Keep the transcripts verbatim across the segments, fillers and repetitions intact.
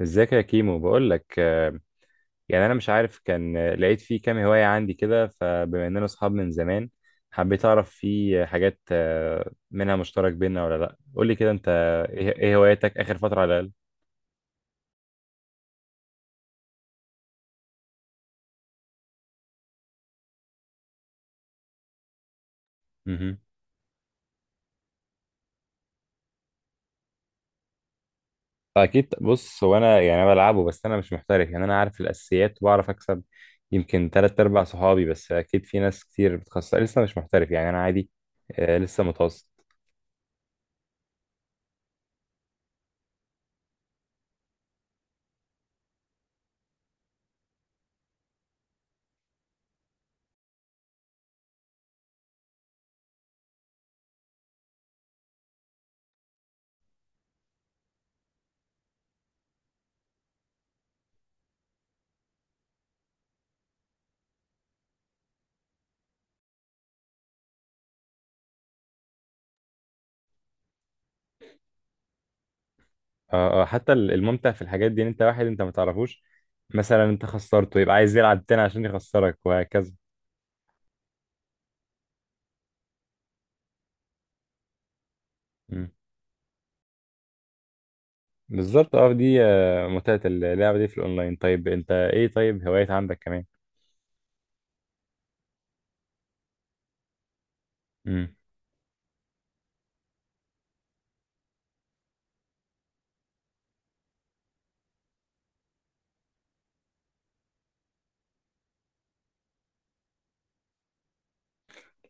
ازيك يا كيمو؟ بقول لك، آه، يعني انا مش عارف كان آه، لقيت فيه كام هواية عندي كده. فبما اننا اصحاب من زمان، حبيت اعرف فيه حاجات آه، منها مشترك بينا ولا لا. قول لي كده انت، ايه إيه هواياتك اخر فترة على الاقل؟ مهم. اكيد. بص، هو انا يعني أنا بلعبه، بس انا مش محترف. يعني انا عارف الاساسيات وبعرف اكسب يمكن تلات ارباع صحابي، بس اكيد في ناس كتير بتخسر. لسه مش محترف يعني، انا عادي، آه، لسه متوسط. اه اه، حتى ال- الممتع في الحاجات دي ان انت واحد انت ما تعرفوش، مثلا انت خسرته يبقى عايز يلعب تاني عشان يخسرك وهكذا. مم. بالظبط. اه، دي آه، متعة اللعبة دي في الاونلاين. طيب انت، ايه طيب هوايات عندك كمان؟ مم.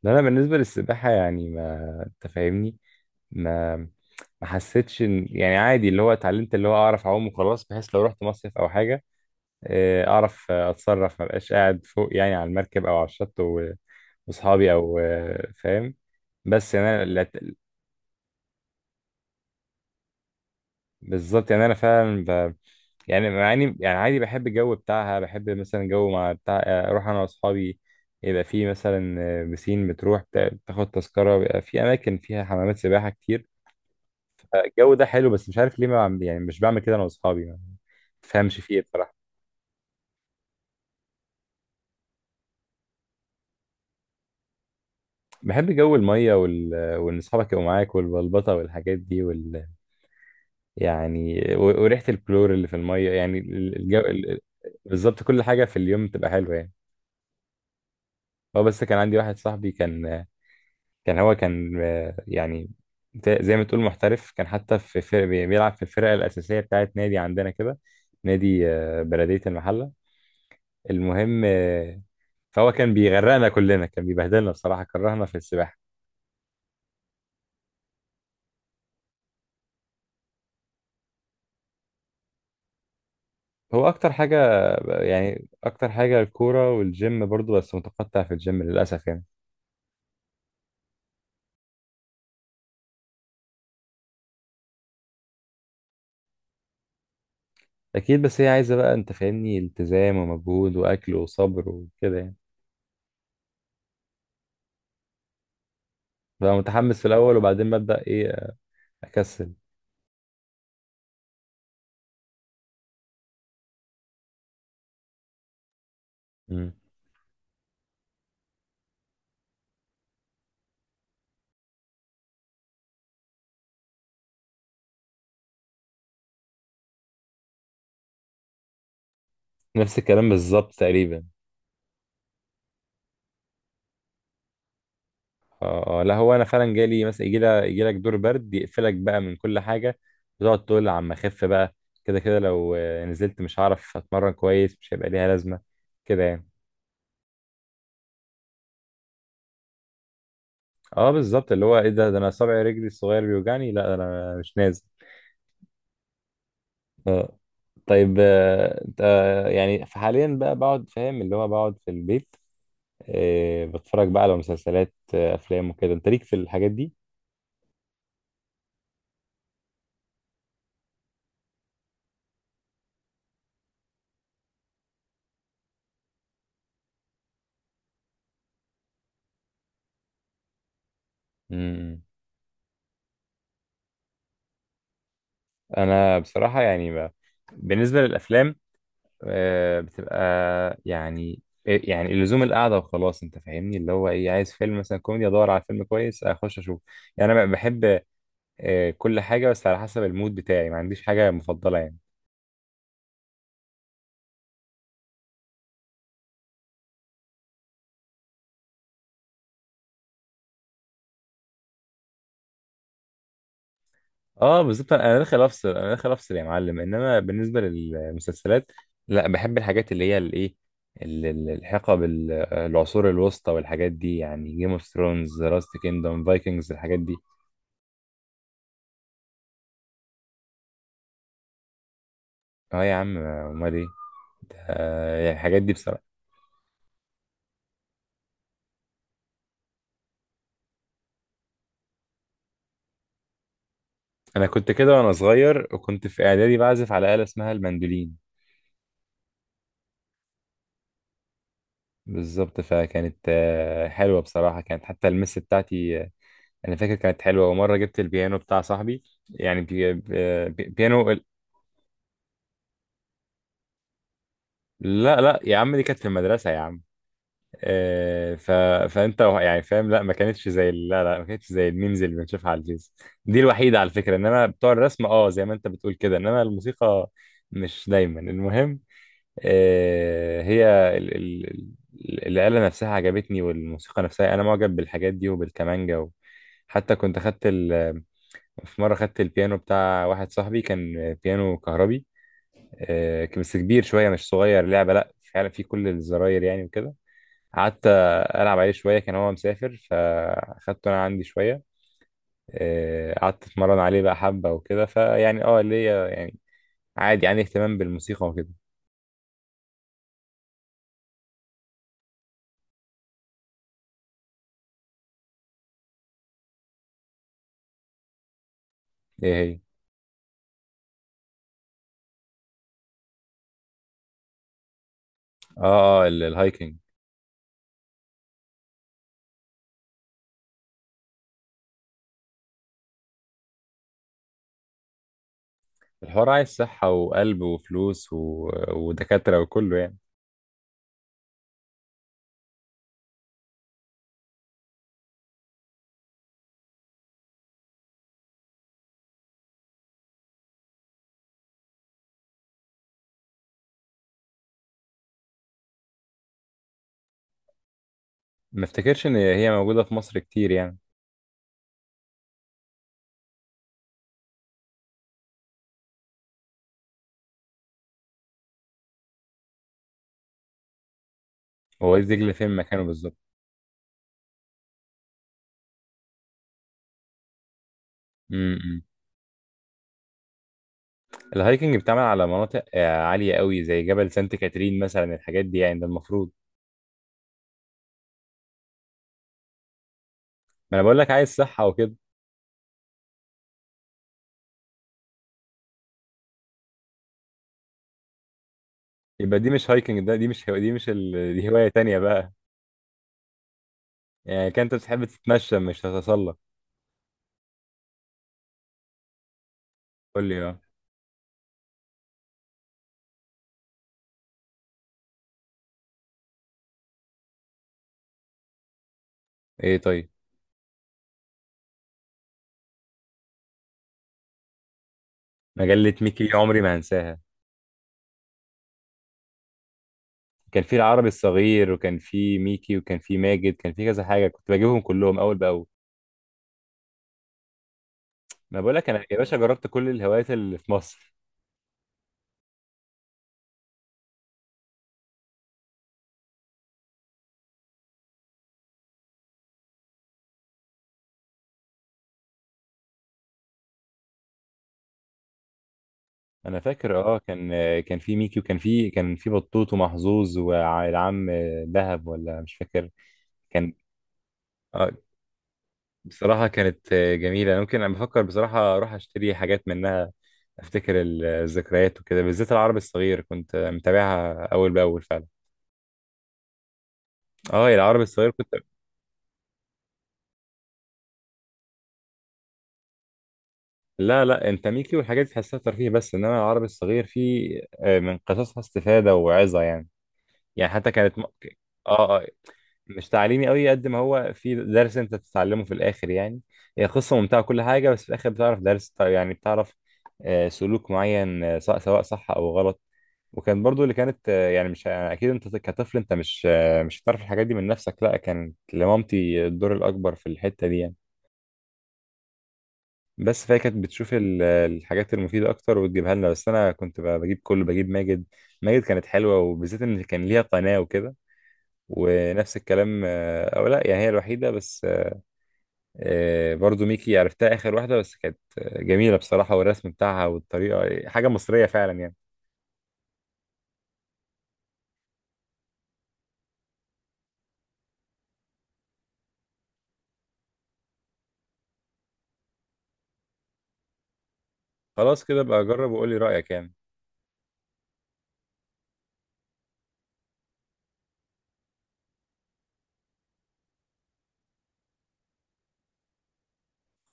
لا، انا بالنسبة للسباحة يعني ما انت فاهمني، ما ما حسيتش ان يعني عادي. اللي هو اتعلمت، اللي هو اعرف اعوم وخلاص، بحيث لو رحت مصيف او حاجة آه، اعرف آه، اتصرف، ما بقاش قاعد فوق يعني على المركب او على الشط و- واصحابي، او آه، فاهم. بس يعني انا لا- بالظبط. يعني انا فعلا ب... يعني مع اني يعني عادي بحب الجو بتاعها. بحب مثلا جو مع بتاع، آه، اروح انا واصحابي يبقى في مثلا آه، بسين، بتروح بتا- تاخد تذكره، بيبقى في اماكن فيها حمامات سباحه كتير. الجو ده حلو، بس مش عارف ليه ما بعمل- يعني مش بعمل كده انا واصحابي، ما تفهمش فيه إيه بصراحه. بحب جو الميه وال... وان اصحابك يبقوا معاك، والبلبطه والحاجات دي وال... يعني، و- وريحة الكلور اللي في المية يعني، ال- الجو ال-. بالظبط، كل حاجة في اليوم تبقى حلوة يعني. هو بس كان عندي واحد صاحبي، كان كان هو كان آه، يعني زي زي ما تقول محترف، كان حتى في فرق بي- بيلعب في الفرقة الأساسية بتاعت نادي عندنا كده، نادي آه، بلدية المحلة. المهم، آه، فهو كان بيغرقنا كلنا، كان بيبهدلنا بصراحة، كرهنا في السباحة. هو أكتر حاجة، يعني أكتر حاجة، الكورة والجيم برضو، بس متقطع في الجيم للأسف يعني. اكيد، بس هي عايزه بقى انت فاهمني، التزام ومجهود واكل وصبر وكده يعني. بقى متحمس في الاول وبعدين ببدا ايه؟ اكسل. مم. نفس الكلام بالظبط تقريبا. اه، آه، لا هو انا فعلا جالي مثلا يجي لك يجي لك دور برد يقفلك بقى من كل حاجه، وتقعد تقول عم اخف بقى. كده كده لو آه، نزلت مش هعرف اتمرن كويس، مش هيبقى ليها لازمه كده يعني. اه بالظبط، اللي هو ايه، ده ده انا صابع رجلي الصغير بيوجعني، لا ده انا مش نازل. آه، طيب، آه، انت يعني حاليا بقى بقعد فاهم، اللي هو بقعد في البيت آه، بتفرج بقى على مسلسلات، آه، افلام وكده، انت ليك في الحاجات دي؟ امم. انا بصراحة يعني ب... بالنسبة للافلام، آه، بتبقى يعني آه، يعني اللزوم القعدة وخلاص انت فاهمني. اللي هو ايه، عايز فيلم مثلا كوميدي، ادور على فيلم كويس اخش اشوف. يعني انا بحب آه، كل حاجة، بس على حسب المود بتاعي، ما عنديش حاجة مفضلة يعني. اه بالظبط، انا داخل افصل، انا داخل افصل يا معلم. انما بالنسبه للمسلسلات، لا بحب الحاجات اللي هي الايه، ال- ال- الحقب ال- العصور الوسطى والحاجات دي، يعني جيم اوف ثرونز، لاست كيندوم، فايكنجز، الحاجات دي. اه يا عم، امال ايه؟ ده- آه، يعني الحاجات دي بصراحه. انا كنت كده وانا صغير، وكنت في اعدادي بعزف على آلة اسمها المندولين. بالظبط، فكانت آه، حلوه بصراحه، كانت حتى المس بتاعتي آه، انا فاكر كانت حلوه. ومره جبت البيانو بتاع صاحبي، يعني بي... آه، بي... بيانو. لا لا يا عم، دي كانت في المدرسة يا عم. آه ف... فانت وه- يعني فاهم. لا ما كانتش زي ال- لا لا ما كانتش زي الميمز اللي بنشوفها على الفيس، دي الوحيدة على فكرة. انما بتوع الرسم اه زي ما انت بتقول كده، انما الموسيقى مش دايما. المهم، آه هي ال... ال... ال- الآلة نفسها عجبتني، والموسيقى نفسها انا معجب بالحاجات دي وبالكمانجا و... حتى كنت خدت ال... في مرة خدت البيانو بتاع واحد صاحبي، كان بيانو كهربي آه، بس كبير شويه مش صغير لعبه. لا فعلا في كل الزراير يعني وكده. قعدت العب عليه شويه، كان هو مسافر فاخدته انا عندي شويه. آه، قعدت اتمرن عليه بقى، حبه وكده. فيعني اه ليا يعني عادي، عندي اهتمام بالموسيقى وكده. ايه هي؟ اه اه، ال- الهايكنج. الحوار عايز صحه وقلب وفلوس و... ودكاتره وكله يعني. ما افتكرش ان هي موجوده في مصر كتير يعني. هو وادي دجله فين مكانه بالظبط؟ م- م. الهايكنج بتعمل على مناطق آه، عالية قوي زي جبل سانت كاترين مثلا، الحاجات دي يعني، ده المفروض. ما انا بقول لك عايز صحة وكده. يبقى دي مش هايكنج ده، دي مش هو... دي مش ال... دي هواية تانية بقى. يعني كان انت بتحب تتمشى مش تتسلق. قول لي اه. ايه طيب. مجلة ميكي عمري ما هنساها. كان في العربي الصغير، وكان في ميكي، وكان في ماجد، كان في كذا حاجة كنت بجيبهم كلهم أول بأول. ما بقول لك انا يا باشا، جربت كل الهوايات اللي في مصر. انا فاكر اه، كان كان في ميكي وكان في كان في بطوط ومحظوظ والعم دهب، ولا مش فاكر. كان آه، بصراحة كانت جميلة. ممكن انا بفكر بصراحة اروح اشتري حاجات منها، افتكر الذكريات وكده، بالذات العربي الصغير كنت متابعها اول باول فعلا. اه العربي الصغير كنت. لا لا، انت ميكي والحاجات دي تحسها ترفيه بس، انما العربي الصغير فيه آه، من قصصها استفادة وعظة يعني. يعني حتى كانت م... اه آه، مش تعليمي قوي قد ما هو في درس انت تتعلمه في الاخر يعني. هي قصه ممتعه كل حاجه، بس في الاخر بتعرف درس، يعني بتعرف آه، سلوك معين، آه، سواء سواء صح او غلط. وكان برضو اللي كانت آه، يعني مش يعني، اكيد انت كطفل انت مش آه، مش هتعرف الحاجات دي من نفسك، لا كانت لمامتي الدور الاكبر في الحته دي يعني. بس فهي كانت بتشوف ال- الحاجات المفيده اكتر وتجيبها لنا، بس انا كنت ب- بجيب كله، بجيب ماجد. ماجد كانت حلوه، وبالذات ان كان ليها قناه وكده، ونفس الكلام آه، او لا يعني هي الوحيده بس. آه، برضو ميكي عرفتها آخر واحدة، بس كانت آه، جميلة بصراحة، والرسم بتاعها والطريقة حاجة مصرية فعلا يعني. خلاص كده بقى، جرب وقولي رأيك يعني.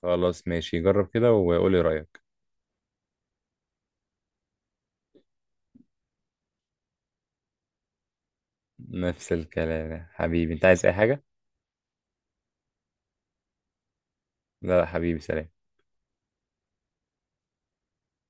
خلاص ماشي، جرب كده وقولي رأيك. نفس الكلام يا حبيبي، انت عايز اي حاجة؟ لا لا، حبيبي سلام.